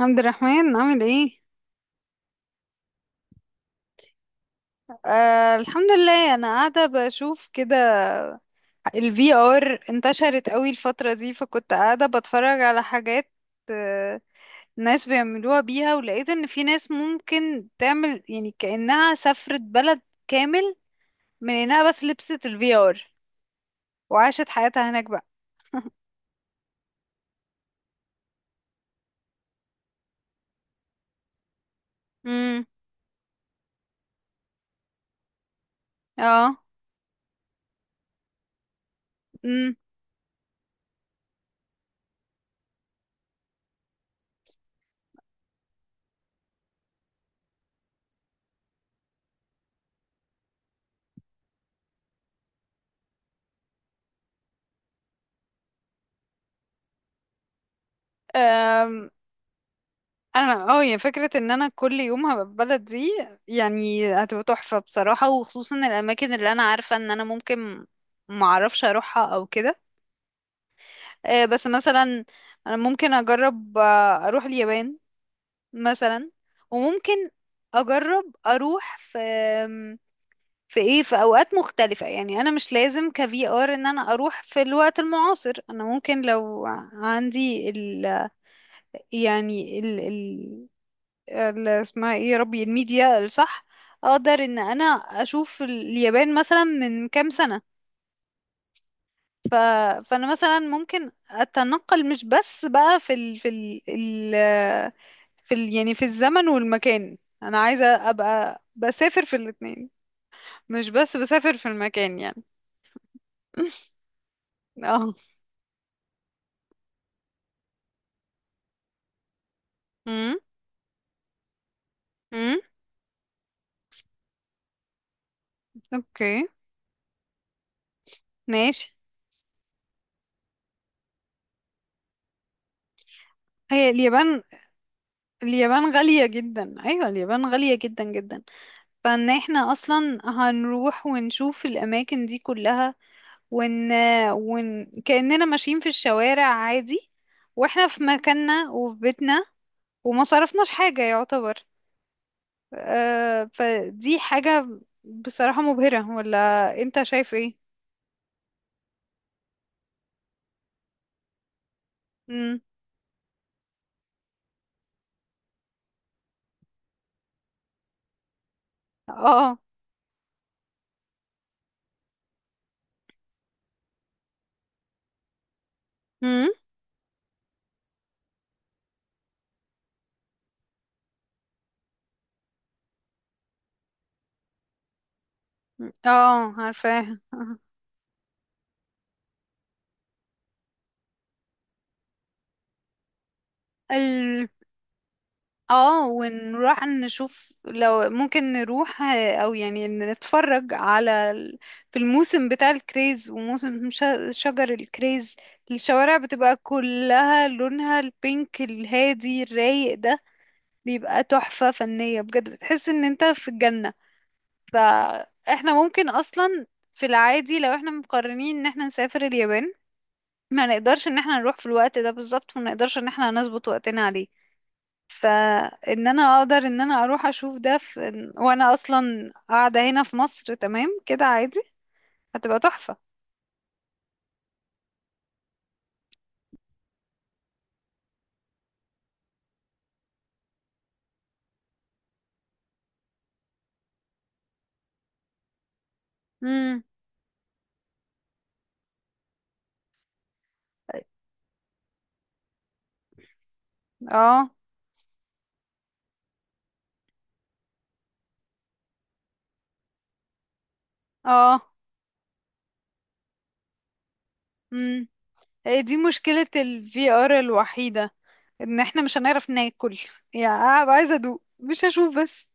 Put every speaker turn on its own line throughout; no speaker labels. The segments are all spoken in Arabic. عبد الرحمن عامل ايه؟ الحمد لله، انا قاعده بشوف كده. الفي ار انتشرت قوي الفتره دي، فكنت قاعده بتفرج على حاجات. آه ناس بيعملوها بيها، ولقيت ان في ناس ممكن تعمل يعني كانها سافرت بلد كامل من انها بس لبست الفي ار وعاشت حياتها هناك بقى. امم اه امم انا اه يعني فكرة ان انا كل يوم هبقى في بلد دي، يعني هتبقى تحفة بصراحة، وخصوصا الاماكن اللي انا عارفة ان انا ممكن معرفش اروحها او كده. بس مثلا انا ممكن اجرب، اروح اليابان مثلا. وممكن اجرب اروح في في ايه في اوقات مختلفة. يعني انا مش لازم كفي ار ان انا اروح في الوقت المعاصر. انا ممكن لو عندي ال يعني السماعي ربي الميديا الصح، أدر إن أنا أشوف اليابان مثلاً من كم سنة. فأنا مثلاً ممكن التنقل مش بس بقى ال... في ال يعني في الزمن والمكان. أنا عايز أبقى بس سافر في الاثنين، مش بس بسافر في المكان يعني. أوه أم أم أوكي، نعيش. هي اليابان، اليابان غالية جدا عيالي، اليابان غالية جدا جدا. فان احنا اصلا هنروح ونشوف الاماكن دي كلها، ون... كأننا ماشيين في الشوارع عادي واحنا في مكاننا وفي بيتنا، وما صرفناش حاجة يعتبر. فدي حاجة بصراحة مبهرة، ولا انت شايف ايه؟ مم. اه مم. اه عارفاها. اه، ونروح نشوف لو ممكن نروح، او يعني نتفرج على ال- في الموسم بتاع الكريز وموسم شجر الكريز. الشوارع بتبقى كلها لونها البينك الهادي الرايق ده، بيبقى تحفة فنية بجد، بتحس ان انت في الجنة. فاحنا ممكن اصلا في العادي لو احنا مقررين ان احنا نسافر اليابان، ما نقدرش ان احنا نروح في الوقت ده بالظبط، وما نقدرش ان احنا نظبط وقتنا عليه. فان انا اقدر ان انا اروح اشوف ده في وانا اصلا قاعده هنا في مصر تمام كده عادي، هتبقى تحفه. امم اه اه امم هي دي مشكله الفي ار الوحيده، ان احنا مش هنعرف ناكل. يعني هبقى عايزه ادوق مش هشوف بس.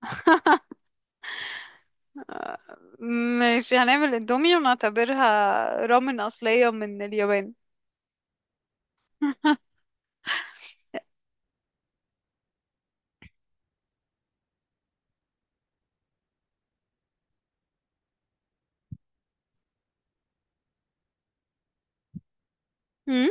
ماشي، هنعمل اندومي ونعتبرها رامن اصليه من اليابان. امم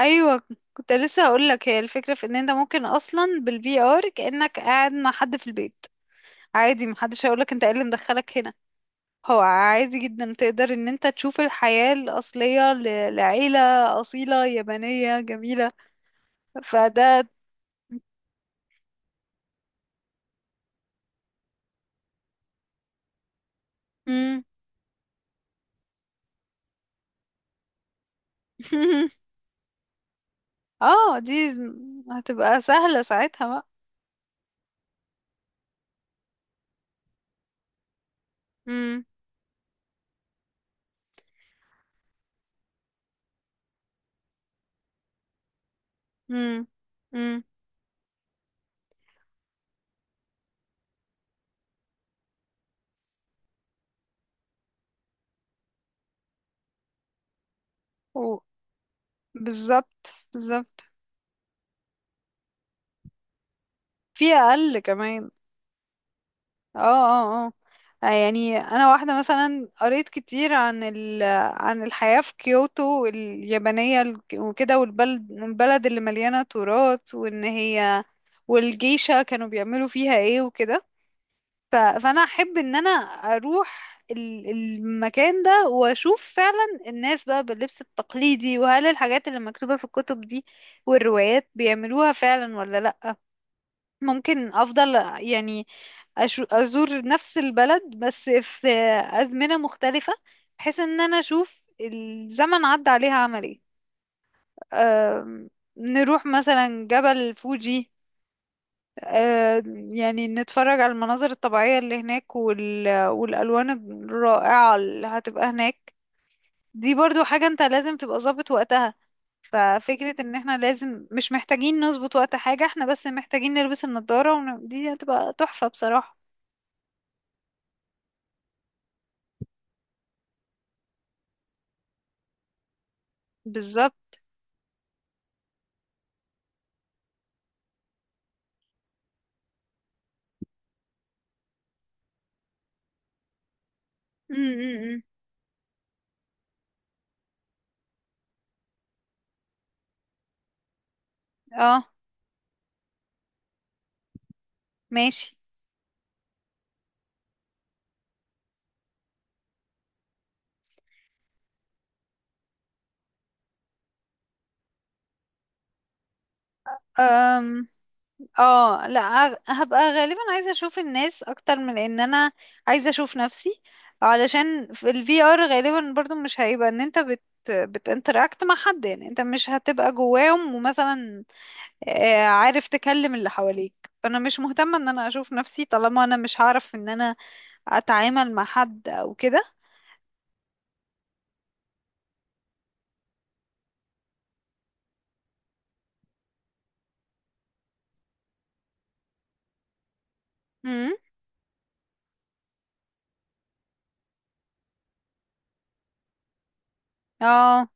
ايوه، كنت لسه هقول لك. هي الفكره في ان انت ممكن اصلا بالفي ار كانك قاعد مع حد في البيت عادي، محدش هيقولك انت ايه اللي مدخلك هنا. هو عادي جدا تقدر ان انت تشوف الحياة الأصلية لعيلة أصيلة يابانية جميلة. فده مم. اه، دي هتبقى سهلة ساعتها بقى. مم. مم. مم. و- بالظبط، بالظبط. في أقل كمان. اه اه اه. يعني انا واحده مثلا قريت كتير عن ال عن الحياه في كيوتو اليابانيه ال- وكده، والبلد اللي مليانه تراث وان هي، والجيشه كانوا بيعملوا فيها ايه وكده. فانا احب ان انا اروح ال- المكان ده واشوف فعلا الناس بقى باللبس التقليدي، وهل الحاجات اللي مكتوبه في الكتب دي والروايات بيعملوها فعلا ولا لا. ممكن افضل يعني، ازور نفس البلد بس في ازمنة مختلفة، بحيث ان انا اشوف الزمن عدى عليها عمل ايه. أم، نروح مثلا جبل فوجي. يعني نتفرج على المناظر الطبيعية اللي هناك والالوان الرائعة اللي هتبقى هناك. دي برضو حاجة انت لازم تبقى ظابط وقتها. ففكرة ان احنا مش محتاجين نظبط وقت حاجة، احنا بس محتاجين نلبس النضارة دي هتبقى تحفة بصراحة. بالظبط. م- م- م. اه، ماشي. أم... اه لا، هبقى غالبا عايزة اشوف الناس اكتر من ان انا عايزة اشوف نفسي. علشان في ال VR غالبا برضو مش هيبقى ان انت بتinteract مع حد، يعني انت مش هتبقى جواهم ومثلا عارف تكلم اللي حواليك. فانا مش مهتمة ان انا اشوف نفسي طالما انا مش هعرف ان انا اتعامل مع حد او كده. امم اه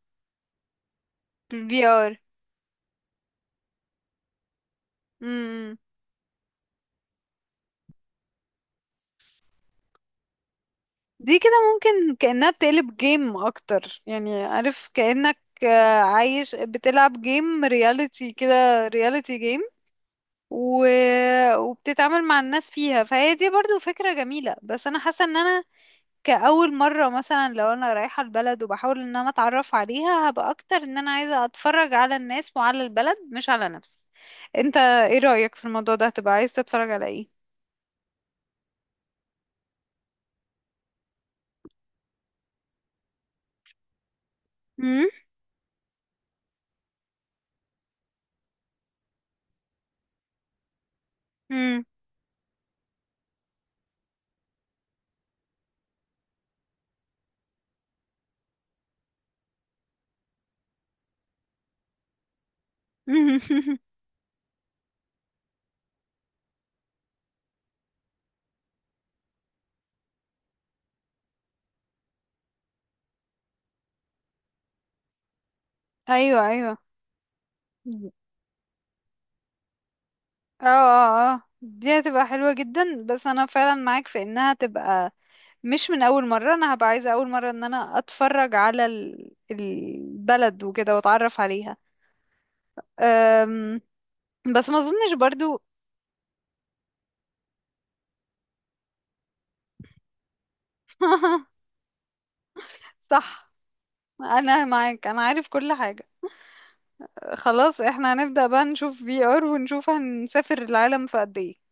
في ال VR دي كده ممكن كأنها بتقلب جيم أكتر يعني، عارف كأنك عايش بتلعب جيم رياليتي كده، رياليتي جيم. و... وبتتعامل مع الناس فيها، فهي دي برضو فكرة جميلة. بس أنا حاسة إن أنا كأول مرة مثلا لو أنا رايحة البلد وبحاول إن أنا أتعرف عليها، هبقى أكتر إن أنا عايزة أتفرج على الناس وعلى البلد مش على نفسي. أنت إيه رأيك في الموضوع ده، هتبقى عايز تتفرج على إيه؟ مم؟ مم. ايوه ايوه. اه اه اه، دي هتبقى حلوة جدا. بس انا فعلا معاك في انها تبقى مش من اول مرة. انا هبقى عايزة اول مرة ان انا اتفرج على ال- البلد وكده واتعرف عليها. أم، بس ما اظنش برضو. صح، انا معاك، انا عارف كل حاجة. خلاص، احنا هنبدأ بقى نشوف في ار ونشوف هنسافر العالم في قد ايه.